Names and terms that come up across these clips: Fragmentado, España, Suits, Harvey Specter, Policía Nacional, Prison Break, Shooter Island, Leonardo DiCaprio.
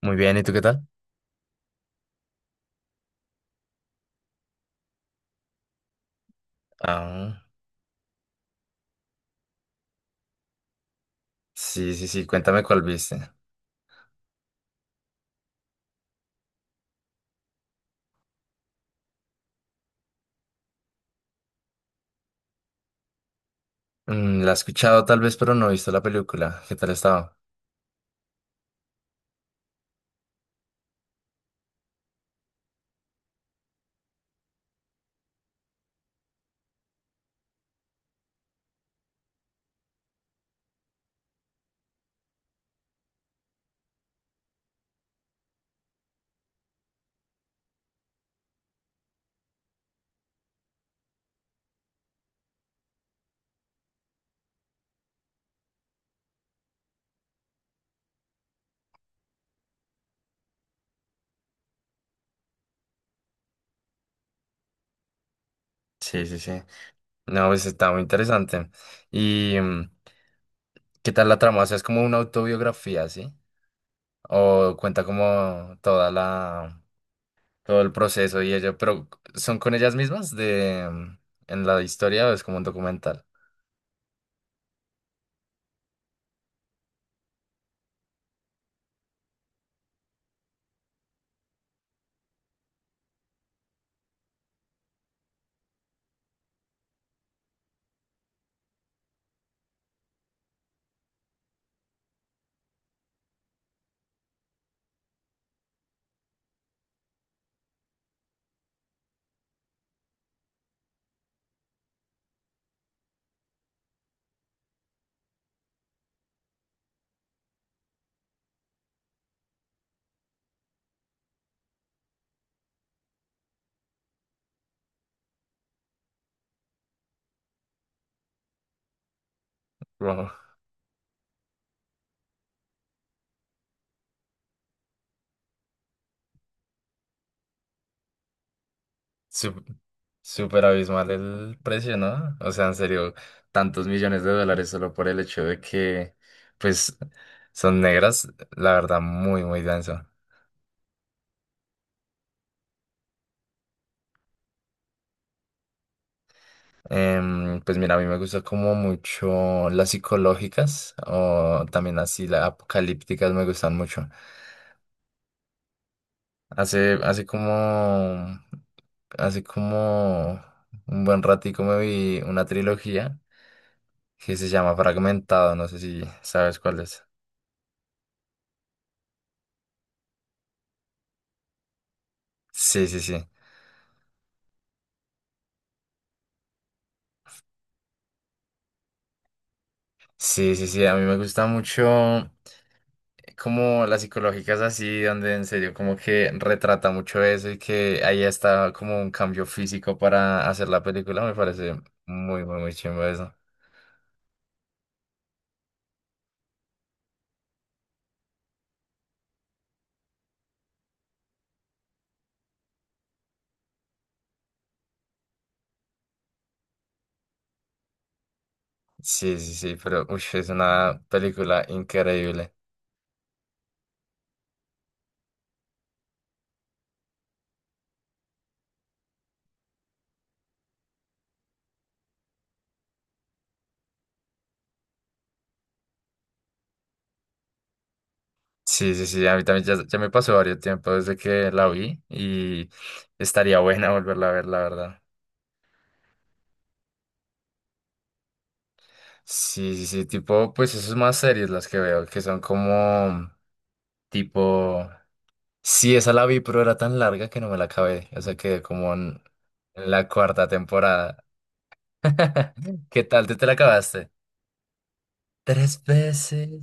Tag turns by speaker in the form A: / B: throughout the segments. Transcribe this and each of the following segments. A: Muy bien, ¿y tú qué tal? Ah, sí, sí, sí, cuéntame cuál viste. Mm, la he escuchado tal vez, pero no he visto la película. ¿Qué tal estaba? Sí, sí, sí. No, pues está muy interesante. ¿Y qué tal la trama? O sea, es como una autobiografía, ¿sí? O cuenta como toda la, todo el proceso y ello, pero ¿son con ellas mismas de, en la historia o es como un documental? Sup- Súper abismal el precio, ¿no? O sea, en serio, tantos millones de dólares solo por el hecho de que, pues, son negras, la verdad, muy, muy denso. Pues mira, a mí me gusta como mucho las psicológicas o también así las apocalípticas me gustan mucho. Hace, hace como, hace como un buen ratico me vi una trilogía que se llama Fragmentado, no sé si sabes cuál es. Sí, sí, sí. Sí, sí, sí, a mí me gusta mucho como las psicológicas así, donde en serio como que retrata mucho eso y que ahí está como un cambio físico para hacer la película, me parece muy, muy, muy chimbo eso. Sí, sí, sí, pero uy, es una película increíble. Sí, sí, sí, a mí también ya, ya me pasó varios tiempo desde que la vi y estaría buena volverla a ver, la verdad. Sí, sí, sí, tipo, pues eso es más series las que veo, que son como tipo. Sí, esa la vi, pero era tan larga que no me la acabé. O sea, quedé como en la cuarta temporada. ¿Qué tal? ¿Tú te la acabaste? Tres veces.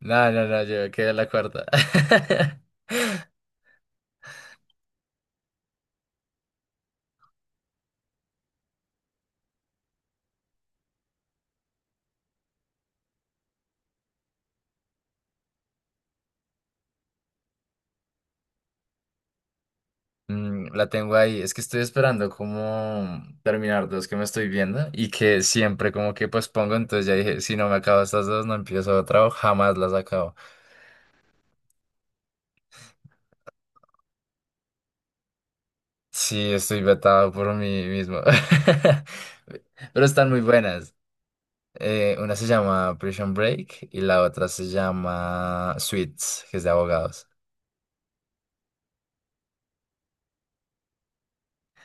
A: No, no, no, yo quedé en la cuarta. Mm, la tengo ahí. Es que estoy esperando como terminar dos que me estoy viendo y que siempre como que pues pongo. Entonces ya dije, si no me acabo estas dos, no empiezo otra o jamás las acabo. Sí, estoy vetado por mí mismo. Pero están muy buenas. Una se llama Prison Break y la otra se llama Suits, que es de abogados.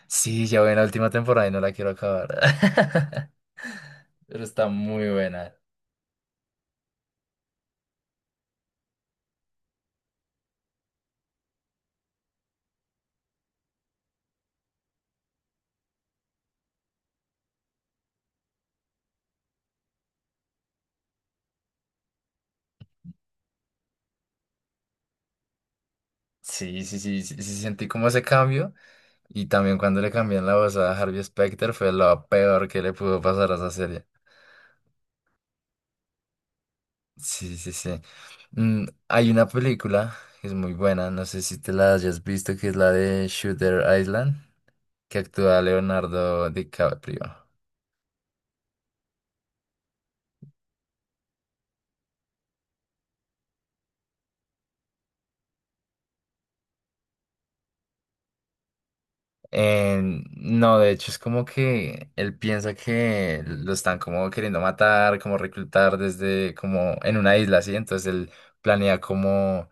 A: Sí, ya voy en la última temporada y no la quiero acabar. Pero está muy buena. Sí, sí, sí, sí, sí, sentí como ese cambio. Y también cuando le cambian la voz a Harvey Specter fue lo peor que le pudo pasar a esa serie. Sí, sí, sí. Hay una película que es muy buena, no sé si te la hayas visto, que es la de Shooter Island, que actúa Leonardo DiCaprio. Eh, no, de hecho es como que él piensa que lo están como queriendo matar, como reclutar desde como en una isla, así. Entonces él planea como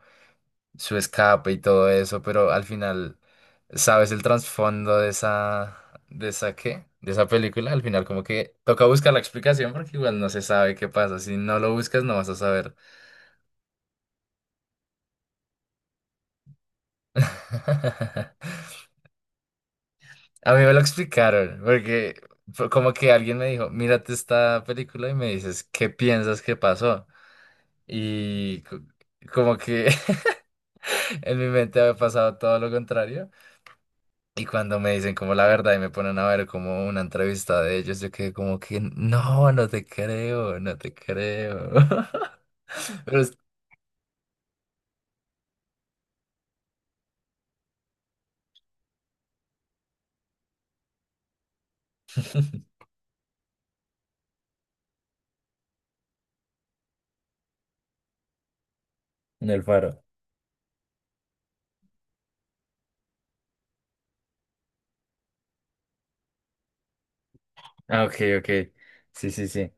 A: su escape y todo eso, pero al final, ¿sabes el trasfondo de esa qué? De esa película, al final como que toca buscar la explicación porque igual no se sabe qué pasa. Si no lo buscas no vas a saber. A mí me lo explicaron, porque fue como que alguien me dijo, mírate esta película y me dices, ¿qué piensas que pasó? Y como que en mi mente había pasado todo lo contrario. Y cuando me dicen como la verdad y me ponen a ver como una entrevista de ellos, yo quedé como que, no, no te creo, no te creo. Pero en el faro. Ah, ok, ok. Sí, sí, sí.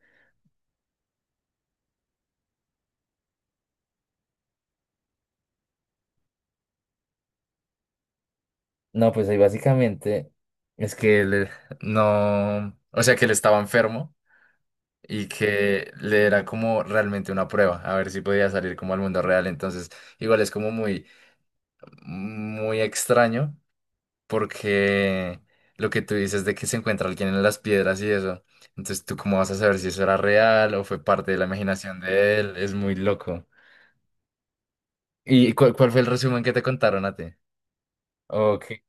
A: No, pues ahí básicamente es que él no, o sea que él estaba enfermo. Y que le era como realmente una prueba, a ver si podía salir como al mundo real. Entonces, igual es como muy, muy extraño porque lo que tú dices de que se encuentra alguien en las piedras y eso. Entonces, ¿tú cómo vas a saber si eso era real o fue parte de la imaginación de él? Es muy loco. ¿Y cuál, cuál fue el resumen que te contaron a ti? Ok,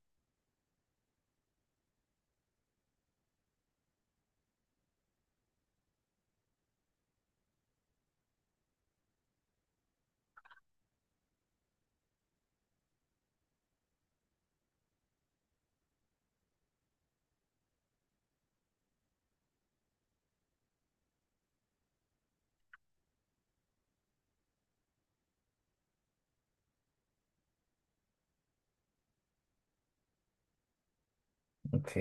A: ok,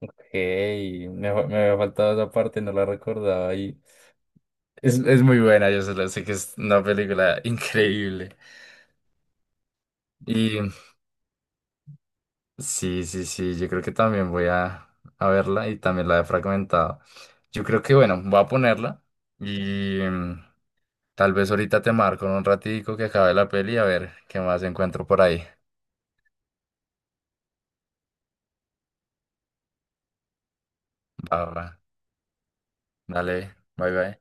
A: ok. Me había faltado esa parte, no la recordaba y es muy buena, yo solo sé que es una película increíble. Sí, sí, sí, yo creo que también voy a verla y también la he fragmentado. Yo creo que, bueno, voy a ponerla y tal vez ahorita te marco en un ratico que acabe la peli a ver qué más encuentro por ahí. Va, va. Dale, bye, bye.